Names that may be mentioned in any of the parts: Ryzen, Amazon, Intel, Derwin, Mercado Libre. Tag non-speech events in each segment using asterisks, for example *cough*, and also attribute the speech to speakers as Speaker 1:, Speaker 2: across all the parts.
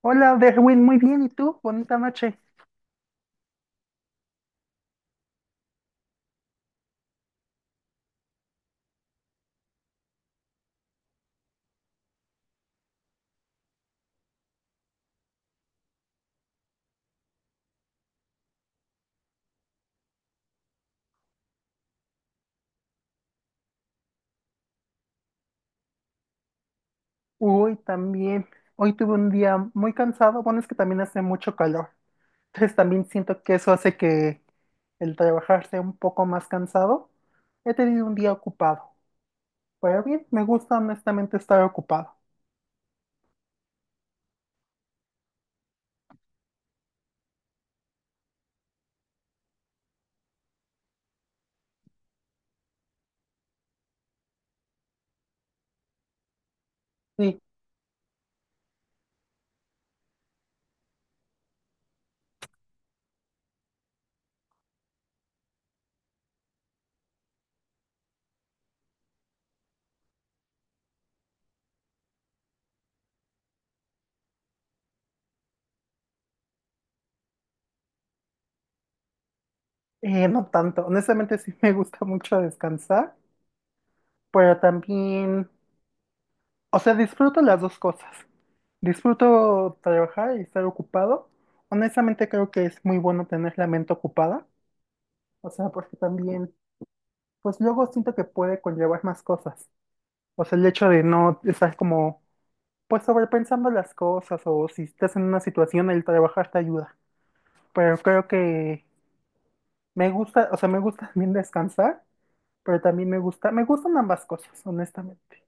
Speaker 1: Hola, Derwin, muy bien. ¿Y tú? Bonita noche. Hoy también. Hoy tuve un día muy cansado. Bueno, es que también hace mucho calor. Entonces también siento que eso hace que el trabajar sea un poco más cansado. He tenido un día ocupado. Pero bien, me gusta honestamente estar ocupado. Sí, no tanto. Honestamente sí me gusta *laughs* mucho descansar, pero también, o sea, disfruto las dos cosas. Disfruto trabajar y estar ocupado. Honestamente creo que es muy bueno tener la mente ocupada. O sea, porque también, pues luego siento que puede conllevar más cosas. O sea, el hecho de no estar como, pues sobrepensando las cosas, o si estás en una situación, el trabajar te ayuda. Pero creo que me gusta, o sea, me gusta también descansar, pero también me gusta, me gustan ambas cosas, honestamente.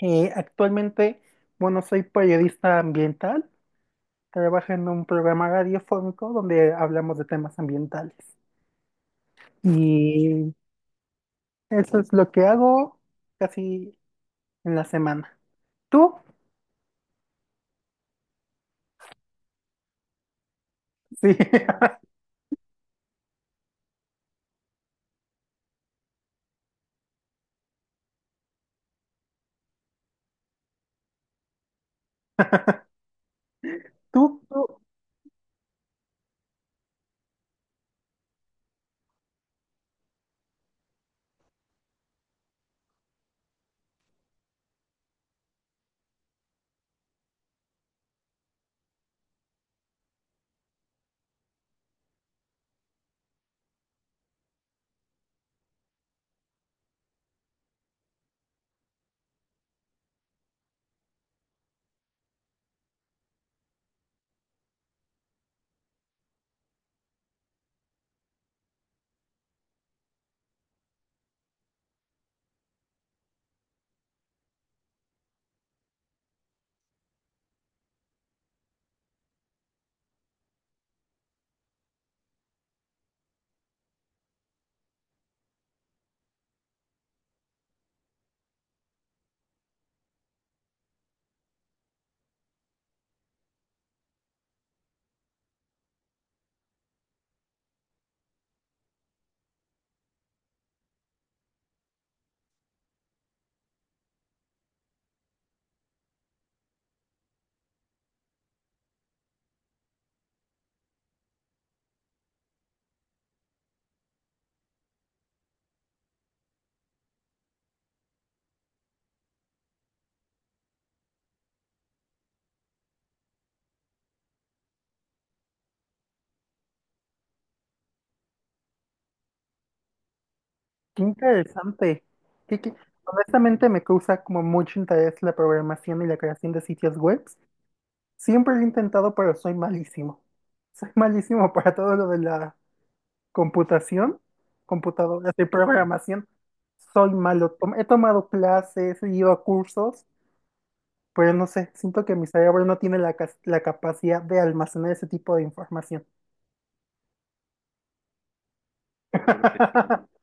Speaker 1: Actualmente, bueno, soy periodista ambiental, trabajo en un programa radiofónico donde hablamos de temas ambientales. Y eso es lo que hago casi en la semana. Tú, sí, *laughs* tú, qué interesante. Qué- qué- Honestamente me causa como mucho interés la programación y la creación de sitios web. Siempre lo he intentado, pero soy malísimo. Soy malísimo *laughs* para todo lo de la computación, computadoras y programación. Soy malo. He tomado clases, he ido a cursos, pero no sé, siento que mi cerebro no tiene la, la capacidad de almacenar ese tipo de información. *laughs*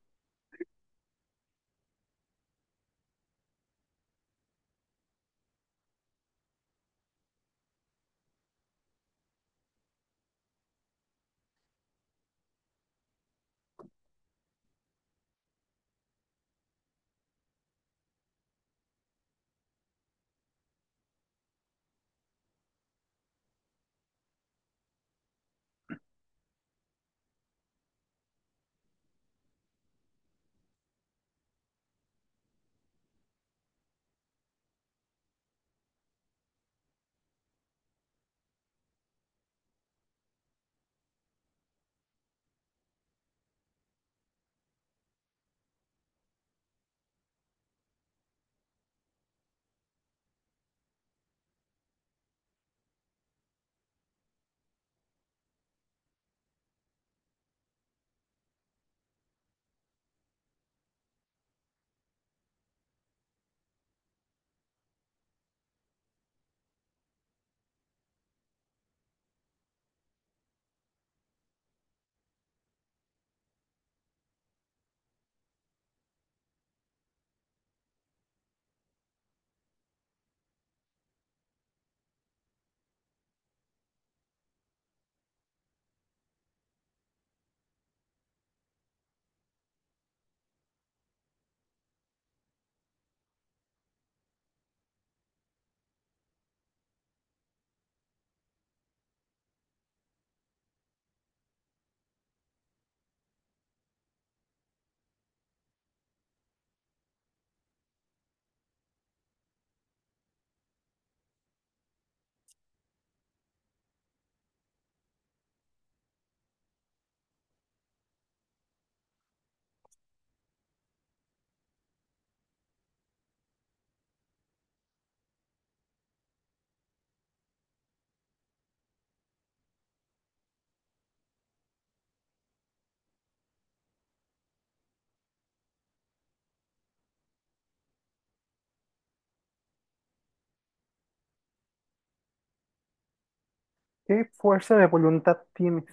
Speaker 1: ¿Qué fuerza de voluntad tienes?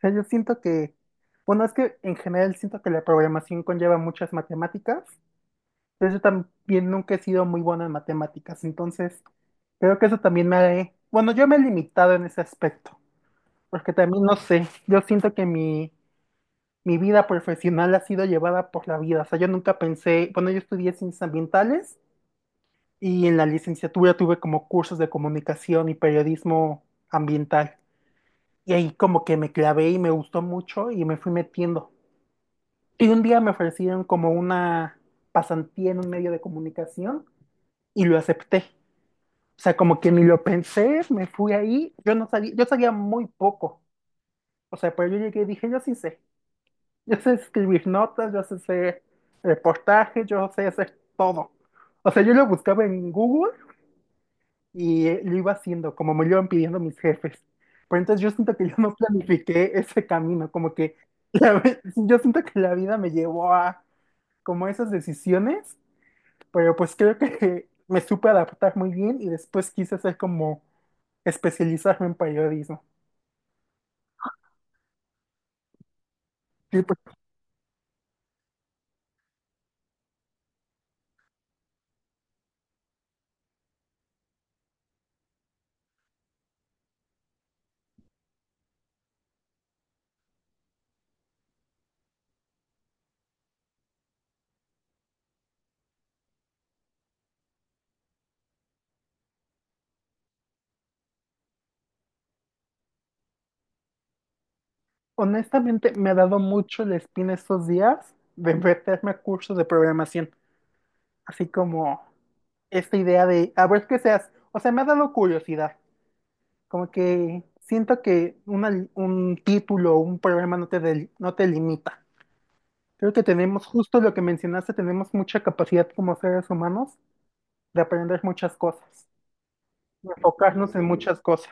Speaker 1: Sea, yo siento que, bueno, es que en general siento que la programación conlleva muchas matemáticas, pero yo también nunca he sido muy bueno en matemáticas, entonces creo que eso también me ha, bueno, yo me he limitado en ese aspecto, porque también no sé, yo siento que mi vida profesional ha sido llevada por la vida, o sea, yo nunca pensé, bueno, yo estudié ciencias ambientales y en la licenciatura tuve como cursos de comunicación y periodismo ambiental, y ahí como que me clavé y me gustó mucho y me fui metiendo. Y un día me ofrecieron como una pasantía en un medio de comunicación y lo acepté. O sea, como que ni lo pensé, me fui ahí. Yo no sabía, yo sabía muy poco. O sea, pero yo llegué y dije, yo sí sé. Yo sé escribir notas, yo sé hacer reportajes, yo sé hacer todo. O sea, yo lo buscaba en Google y lo iba haciendo, como me lo iban pidiendo mis jefes. Pero entonces yo siento que yo no planifiqué ese camino, como que *laughs* yo siento que la vida me llevó a como esas decisiones. Pero pues creo que *laughs* me supe adaptar muy bien y después quise hacer como especializarme en periodismo. Y pues honestamente me ha dado mucho la espina estos días de meterme a cursos de programación, así como esta idea de a ver qué seas. O sea, me ha dado curiosidad, como que siento que un título o un programa no te, no te limita. Creo que tenemos justo lo que mencionaste, tenemos mucha capacidad como seres humanos de aprender muchas cosas, de enfocarnos en muchas cosas.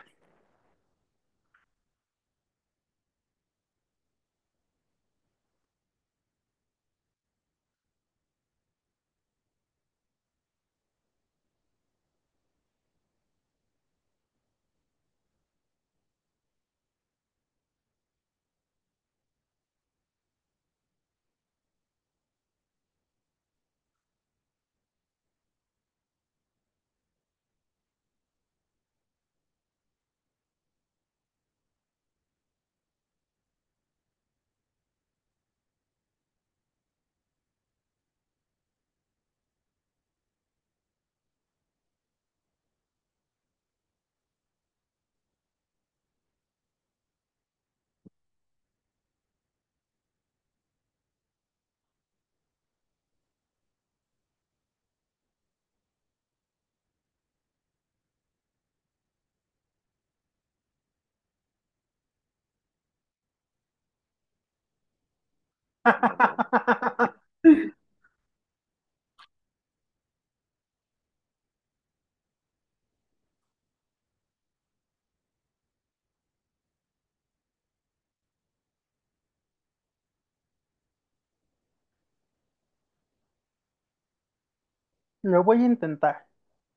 Speaker 1: Lo voy a intentar.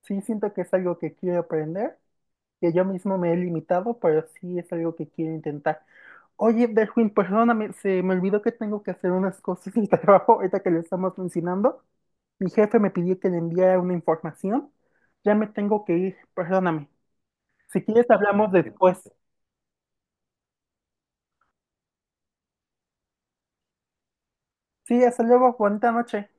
Speaker 1: Sí, siento que es algo que quiero aprender, que yo mismo me he limitado, pero sí es algo que quiero intentar. Oye, Derwin, perdóname, se me olvidó que tengo que hacer unas cosas del trabajo ahorita que lo estamos mencionando. Mi jefe me pidió que le enviara una información. Ya me tengo que ir, perdóname. Si quieres, hablamos después. Sí, hasta luego, bonita noche.